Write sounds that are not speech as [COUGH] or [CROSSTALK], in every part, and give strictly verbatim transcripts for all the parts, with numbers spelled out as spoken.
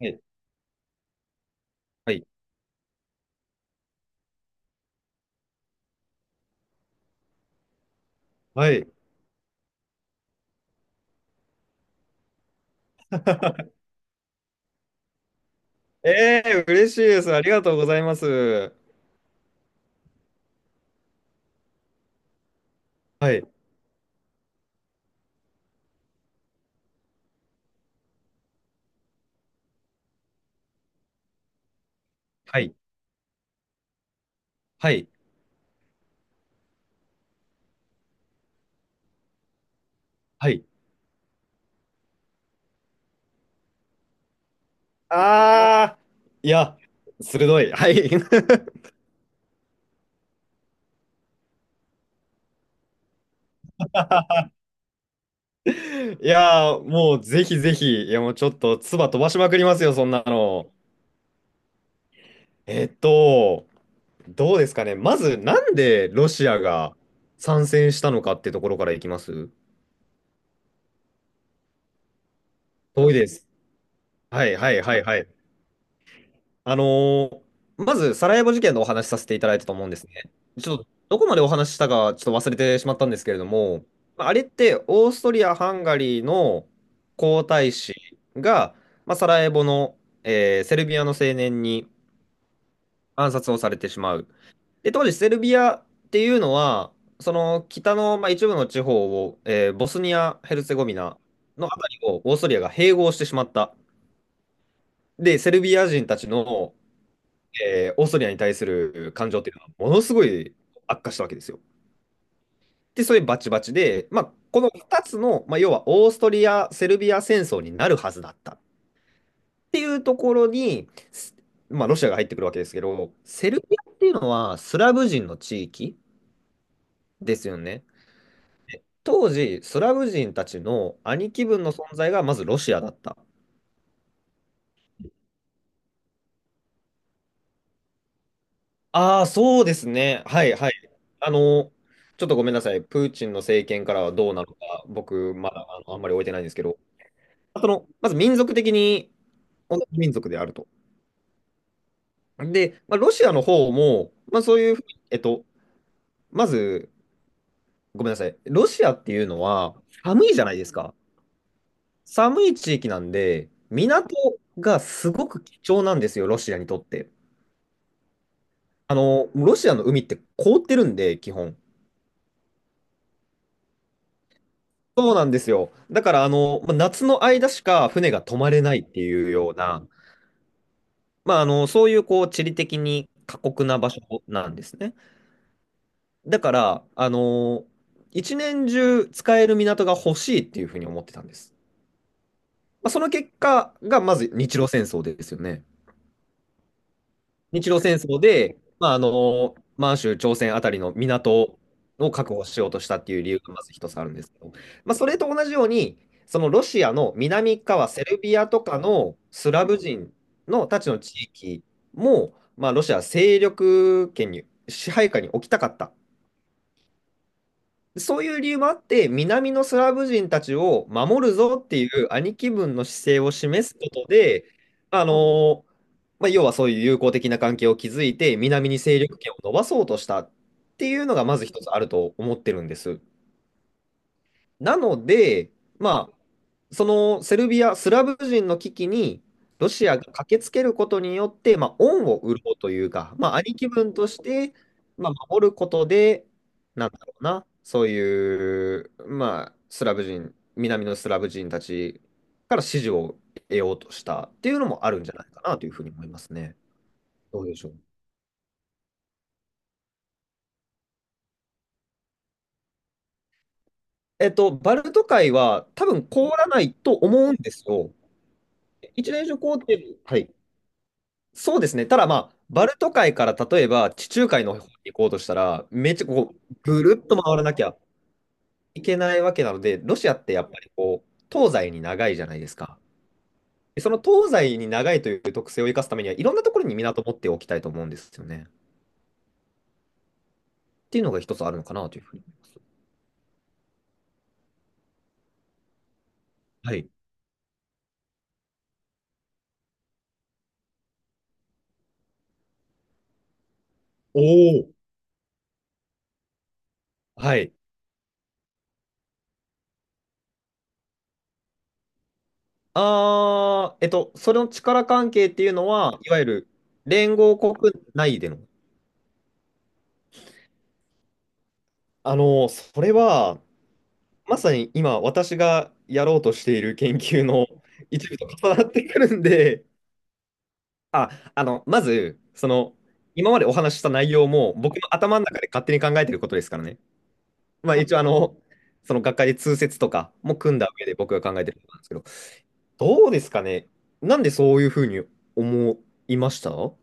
はい。はい。はい。[LAUGHS] ええー嬉しいです。ありがとうございます。はい。はい。はい。はい。ああ、いや、鋭い。はい。[LAUGHS] いやー、もうぜひぜひ、いや、もうちょっと、唾飛ばしまくりますよ、そんなの。えっと、どうですかね。まず、なんでロシアが参戦したのかってところからいきます遠いです。はい、はい、はい、はい。あのーまず、サラエボ事件のお話しさせていただいたと思うんですね。ちょっと、どこまでお話ししたか、ちょっと忘れてしまったんですけれども、まああれって、オーストリア・ハンガリーの皇太子が、まあ、サラエボの、えーセルビアの青年に暗殺をされてしまう。で、当時、セルビアっていうのは、その北の、まあ、一部の地方を、えーボスニア・ヘルツェゴビナのあたりをオーストリアが併合してしまった。で、セルビア人たちのえーオーストリアに対する感情っていうのはものすごい悪化したわけですよ。で、それバチバチで、まあ、このふたつの、まあ、要はオーストリア・セルビア戦争になるはずだったっていうところに、すまあ、ロシアが入ってくるわけですけど、セルビアっていうのはスラブ人の地域ですよね。当時、スラブ人たちの兄貴分の存在がまずロシアだった。ああ、そうですね。はいはい。あの、ちょっとごめんなさい。プーチンの政権からはどうなのか、僕、まだあの、あんまり置いてないんですけど、その、まず民族的に同じ民族であると。で、まあ、ロシアの方も、まあ、そういうふうに、えっと、まず、ごめんなさい。ロシアっていうのは、寒いじゃないですか。寒い地域なんで、港がすごく貴重なんですよ、ロシアにとって。あの、ロシアの海って凍ってるんで、基本。そうなんですよ。だから、あの、まあ夏の間しか船が泊まれないっていうような、まあ、あの、そういう、こう、地理的に過酷な場所なんですね。だから、あの、一年中使える港が欲しいっていうふうに思ってたんです。まあ、その結果が、まず日露戦争ですよね。日露戦争で、まあ、あの、満州、朝鮮あたりの港を確保しようとしたっていう理由がまず一つあるんですけど、まあ、それと同じように、そのロシアの南側、セルビアとかのスラブ人のたちの地域も、まあ、ロシアは勢力圏に、支配下に置きたかったそういう理由もあって、南のスラブ人たちを守るぞっていう兄貴分の姿勢を示すことで、あのまあ、要はそういう友好的な関係を築いて、南に勢力圏を伸ばそうとしたっていうのが、まず一つあると思ってるんです。なので、まあ、そのセルビア、スラブ人の危機にロシアが駆けつけることによって、まあ、恩を売ろうというか、まあ、兄貴分として、まあ、守ることで、なんだろうな、そういう、まあ、スラブ人、南のスラブ人たちから支持を得ようとしたっていうのもあるんじゃないかなというふうに思いますね。どうでしょう。えっと、バルト海は多分凍らないと思うんですよ。一連諸行程、はい。そうですね。ただまあ、バルト海から例えば地中海の方に行こうとしたら、めっちゃこう、ぐるっと回らなきゃいけないわけなので、ロシアってやっぱりこう、東西に長いじゃないですか。でその東西に長いという特性を生かすためには、いろんなところに港を持っておきたいと思うんですよね。っていうのが一つあるのかなというふうに思います。はい。おお。はい。あー、えっと、それの力関係っていうのは、いわゆる連合国内での。あの、それは、まさに今、私がやろうとしている研究の一部と重なってくるんで、あ、あの、まず、その、今までお話しした内容も、僕の頭の中で勝手に考えてることですからね。まあ、一応、あの、その学会で通説とかも組んだ上で僕が考えてることなんですけど、どうですかね。なんでそういうふうに思いましたは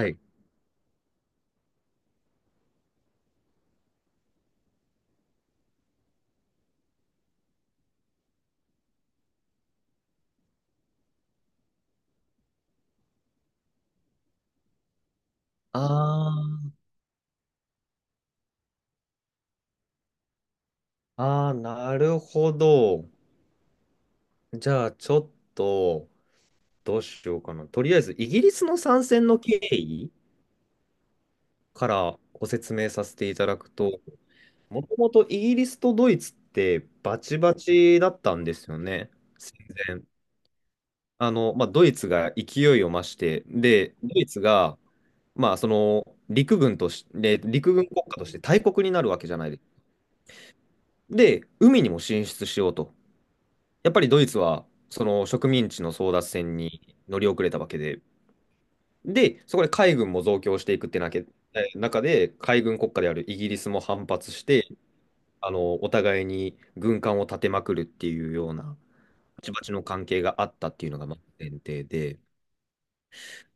い。あーあー、なるほど。じゃあ、ちょっと、どうしようかな。とりあえず、イギリスの参戦の経緯からご説明させていただくと、もともとイギリスとドイツってバチバチだったんですよね、戦前。あの、まあ、ドイツが勢いを増して、で、ドイツが、まあ、その陸軍として、陸軍国家として大国になるわけじゃないです。で、海にも進出しようと。やっぱりドイツは、その植民地の争奪戦に乗り遅れたわけで、で、そこで海軍も増強していくってなけ、え中で、海軍国家であるイギリスも反発して、あの、お互いに軍艦を立てまくるっていうような、バチバチの関係があったっていうのがまず前提で、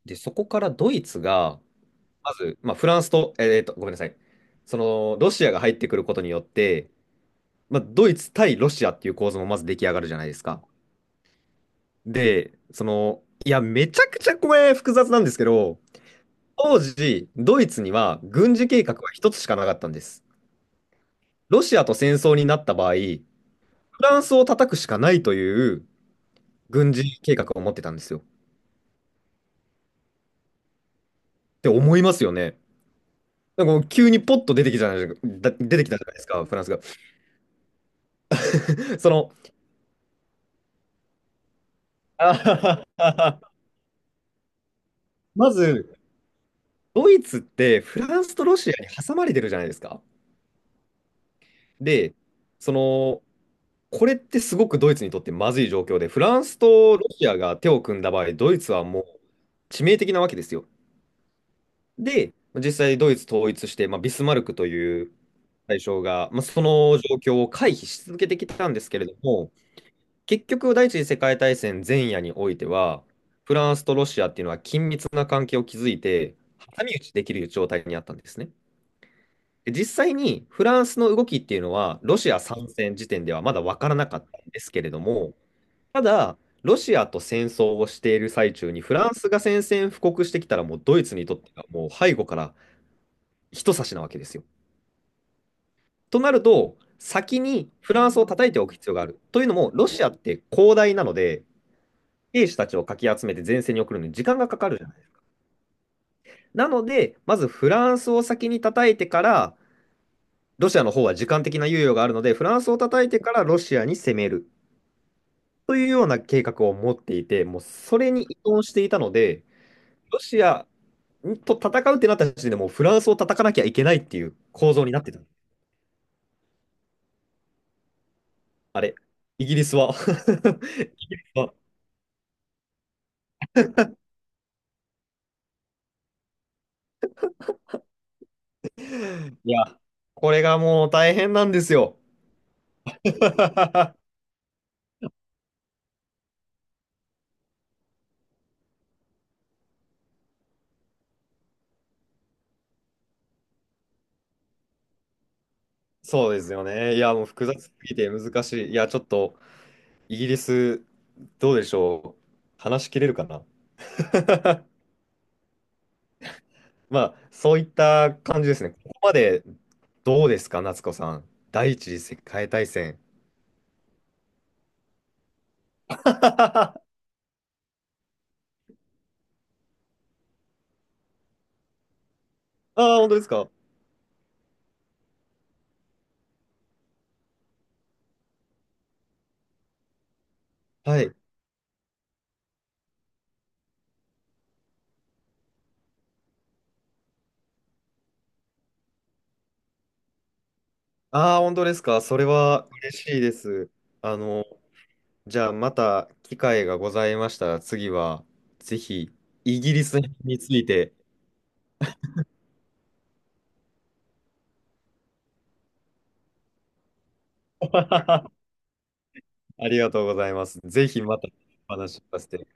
で、そこからドイツが、まず、まあ、フランスと、えーと、ごめんなさい、その、ロシアが入ってくることによって、まあ、ドイツ対ロシアっていう構図もまず出来上がるじゃないですか。で、その、いや、めちゃくちゃこれ複雑なんですけど、当時、ドイツには軍事計画は一つしかなかったんです。ロシアと戦争になった場合、フランスを叩くしかないという軍事計画を持ってたんですよ。って思いますよね。なんかもう急にポッと出てきたじゃないだ出てきたじゃないですか、フランスが。その、あはははまず、ドイツってフランスとロシアに挟まれてるじゃないですか。で、その、これってすごくドイツにとってまずい状況で、フランスとロシアが手を組んだ場合、ドイツはもう致命的なわけですよ。で、実際ドイツ統一して、まあ、ビスマルクという大将が、まあ、その状況を回避し続けてきたんですけれども、結局、第一次世界大戦前夜においては、フランスとロシアっていうのは緊密な関係を築いて、挟み撃ちできる状態にあったんですね。で実際にフランスの動きっていうのは、ロシア参戦時点ではまだ分からなかったんですけれども、ただ、ロシアと戦争をしている最中に、フランスが宣戦布告してきたら、もうドイツにとってはもう背後から一差しなわけですよ。となると、先にフランスを叩いておく必要がある。というのも、ロシアって広大なので、兵士たちをかき集めて前線に送るのに時間がかかるじゃない。なので、まずフランスを先に叩いてから、ロシアの方は時間的な猶予があるので、フランスを叩いてからロシアに攻めるというような計画を持っていて、もうそれに依存していたので、ロシアと戦うってなった時点でもうフランスを叩かなきゃいけないっていう構造になってた。あれ、イギリスは [LAUGHS] あいや、これがもう大変なんですよ。[LAUGHS] そうですよね。いや、もう複雑すぎて難しい。いや、ちょっとイギリス、どうでしょう。話し切れるかな [LAUGHS] まあ、そういった感じですね。ここまでどうですか、夏子さん。第一次世界大戦。[LAUGHS] ああ、本当ですか。はい。ああ、本当ですか。それは嬉しいです。あの、じゃあ、また機会がございましたら、次は、ぜひ、イギリスについて。[LAUGHS] ありがとうございます。ぜひまたお話しさせて